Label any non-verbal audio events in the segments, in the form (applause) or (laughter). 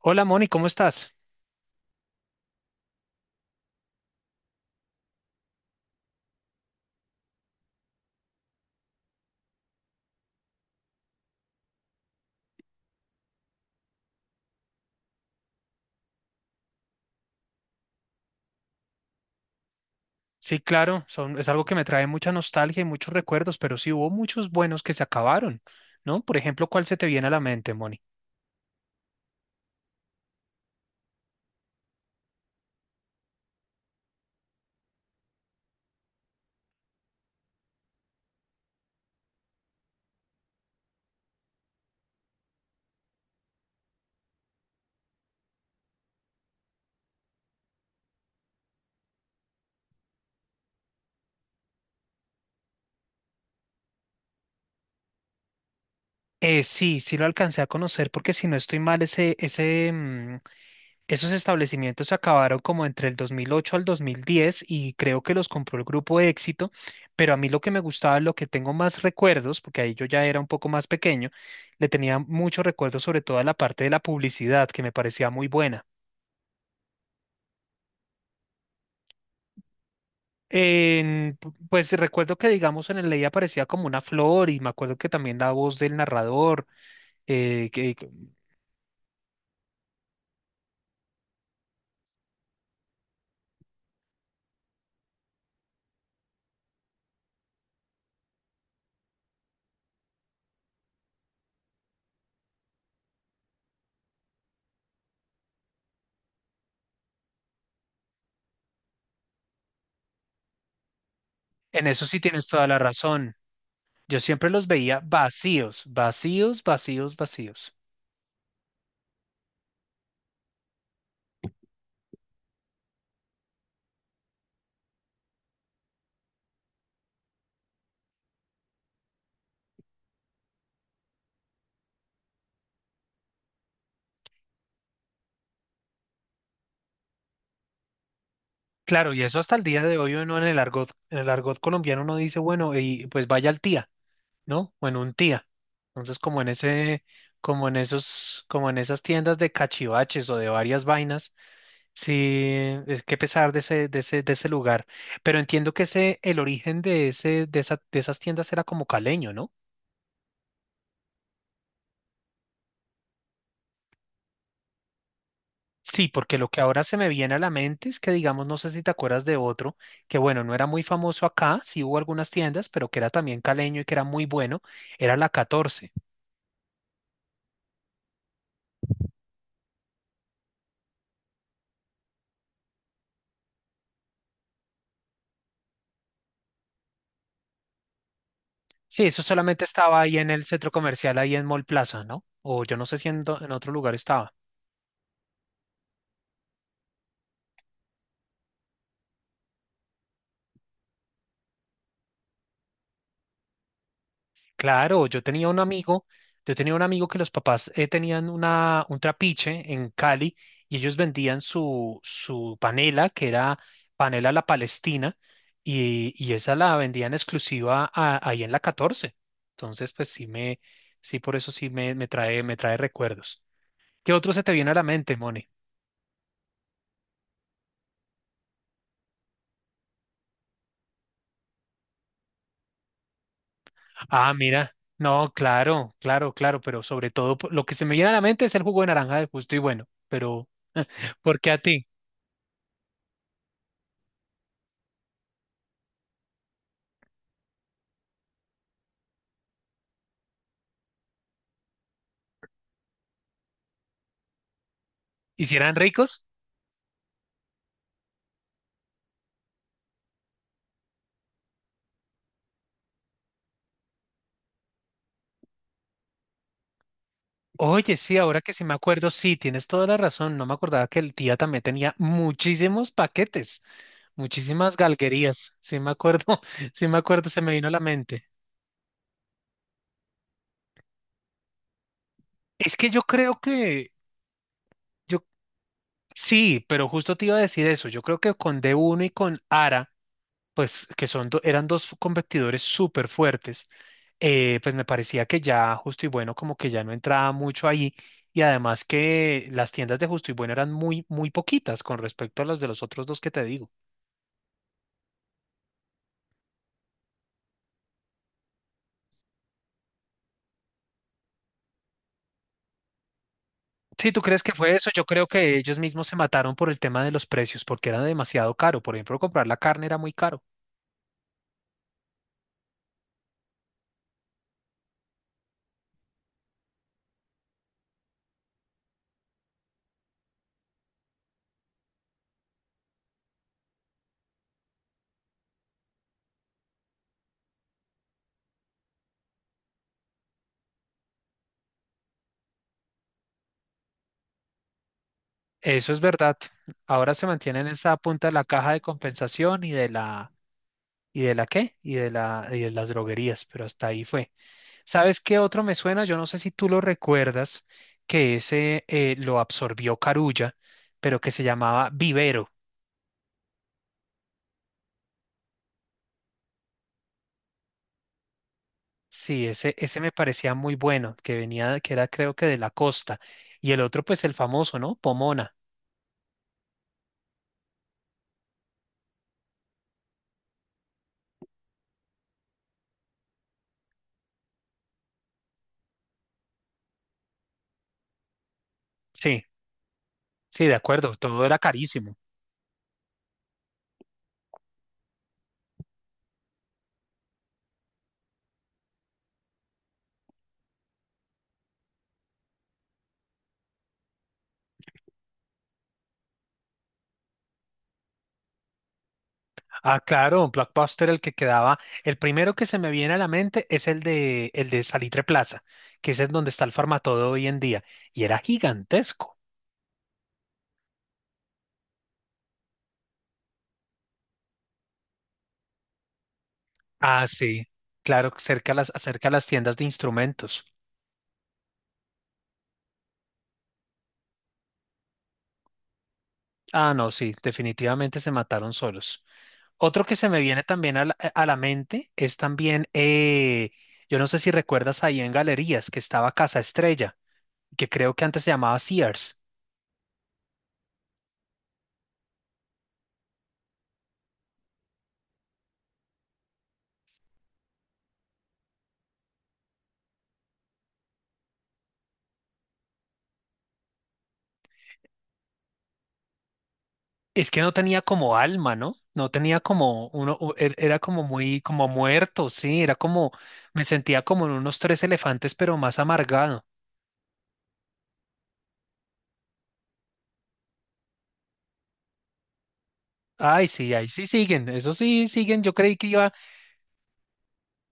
Hola Moni, ¿cómo estás? Sí, claro, es algo que me trae mucha nostalgia y muchos recuerdos, pero sí hubo muchos buenos que se acabaron, ¿no? Por ejemplo, ¿cuál se te viene a la mente, Moni? Sí, sí lo alcancé a conocer porque si no estoy mal, esos establecimientos se acabaron como entre el 2008 al 2010 y creo que los compró el grupo de Éxito, pero a mí lo que me gustaba, lo que tengo más recuerdos, porque ahí yo ya era un poco más pequeño, le tenía muchos recuerdos sobre todo a la parte de la publicidad que me parecía muy buena. En- pues recuerdo que, digamos, en el Ley aparecía como una flor y me acuerdo que también la voz del narrador, eh, que, que- en eso sí tienes toda la razón. Yo siempre los veía vacíos, vacíos, vacíos, vacíos. Claro, y eso hasta el día de hoy uno en el argot colombiano uno dice, bueno, y pues vaya al Tía. ¿No? O en un Tía. Entonces, como en esos, como en esas tiendas de cachivaches o de varias vainas, sí, es que pesar de ese lugar. Pero entiendo que el origen de esas tiendas era como caleño, ¿no? Sí, porque lo que ahora se me viene a la mente es que, digamos, no sé si te acuerdas de otro, que bueno, no era muy famoso acá, sí hubo algunas tiendas, pero que era también caleño y que era muy bueno, era la 14. Sí, eso solamente estaba ahí en el centro comercial, ahí en Mall Plaza, ¿no? O yo no sé si en, en otro lugar estaba. Claro, yo tenía un amigo que los papás tenían un trapiche en Cali y ellos vendían su panela, que era panela La Palestina, y esa la vendían exclusiva ahí en la 14. Entonces, pues sí, por eso me trae recuerdos. ¿Qué otro se te viene a la mente, Moni? Ah, mira, no, claro, claro, claro, pero sobre todo lo que se me viene a la mente es el jugo de naranja de Justo y Bueno, pero ¿por qué a ti? ¿Hicieran ricos? Oye, sí, ahora que sí me acuerdo, sí, tienes toda la razón, no me acordaba que el Tía también tenía muchísimos paquetes, muchísimas galguerías, sí me acuerdo, (laughs) sí me acuerdo, se me vino a la mente. Es que yo creo que, yo, sí, pero justo te iba a decir eso, yo creo que con D1 y con ARA, pues que son eran dos competidores súper fuertes, pues me parecía que ya Justo y Bueno como que ya no entraba mucho ahí y además que las tiendas de Justo y Bueno eran muy, muy poquitas con respecto a las de los otros dos que te digo. Si tú crees que fue eso, yo creo que ellos mismos se mataron por el tema de los precios porque era demasiado caro. Por ejemplo, comprar la carne era muy caro. Eso es verdad. Ahora se mantiene en esa punta de la caja de compensación y ¿y de la qué? Y de las droguerías, pero hasta ahí fue. ¿Sabes qué otro me suena? Yo no sé si tú lo recuerdas, que ese lo absorbió Carulla, pero que se llamaba Vivero. Sí, ese me parecía muy bueno, que era creo que de la costa. Y el otro, pues el famoso, ¿no? Pomona. Sí, sí, de acuerdo, todo era carísimo. Ah, claro, un Blockbuster el que quedaba, el primero que se me viene a la mente es el de Salitre Plaza, que ese es donde está el Farmatodo hoy en día, y era gigantesco. Ah, sí, claro, cerca a las tiendas de instrumentos. Ah, no, sí, definitivamente se mataron solos. Otro que se me viene también a la mente es también, yo no sé si recuerdas ahí en Galerías que estaba Casa Estrella, que creo que antes se llamaba Sears. Es que no tenía como alma, ¿no? No tenía como uno, era como muy, como muerto, sí, era como, me sentía como en unos Tres Elefantes, pero más amargado. Ay, sí, ahí sí siguen, eso sí siguen.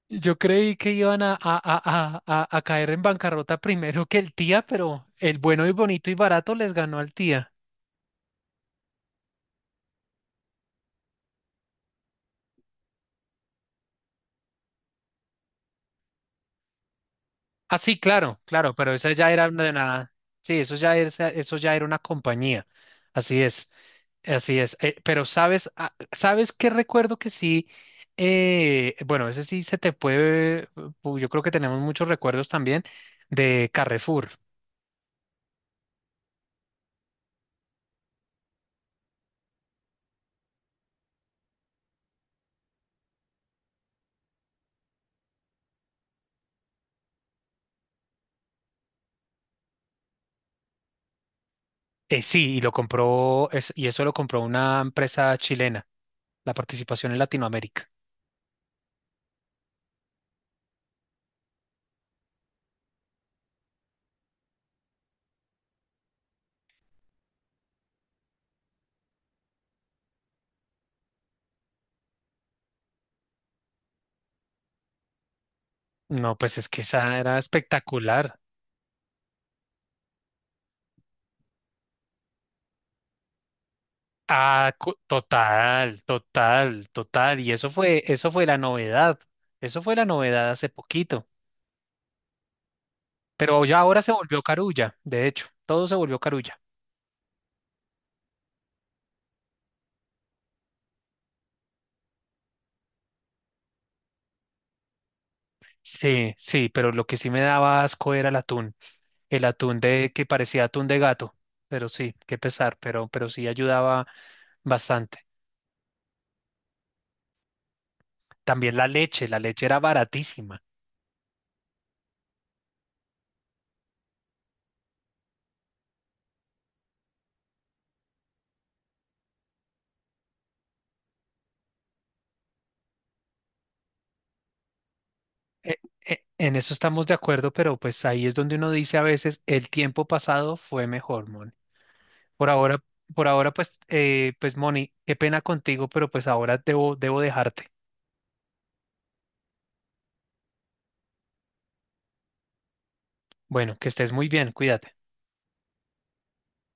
Yo creí que iban a, caer en bancarrota primero que el Tía, pero el bueno y bonito y barato les ganó al Tía. Ah, sí, claro, claro, pero esa ya era una de nada. Sí, eso ya era una compañía. Así es, así es. Pero sabes qué recuerdo que sí, bueno, ese sí se te puede, yo creo que tenemos muchos recuerdos también de Carrefour. Sí, y eso lo compró una empresa chilena. La participación en Latinoamérica. No, pues es que esa era espectacular. Ah, total, total, total. Y eso fue la novedad. Eso fue la novedad hace poquito. Pero ya ahora se volvió Carulla, de hecho, todo se volvió Carulla. Sí, sí, pero lo que sí me daba asco era el atún. El atún de que parecía atún de gato. Pero sí, qué pesar, pero sí ayudaba bastante. También la leche era baratísima. E- En eso estamos de acuerdo, pero pues ahí es donde uno dice a veces el tiempo pasado fue mejor, Moni. Por ahora, por ahora, pues, Moni, qué pena contigo, pero pues ahora debo dejarte. Bueno, que estés muy bien, cuídate.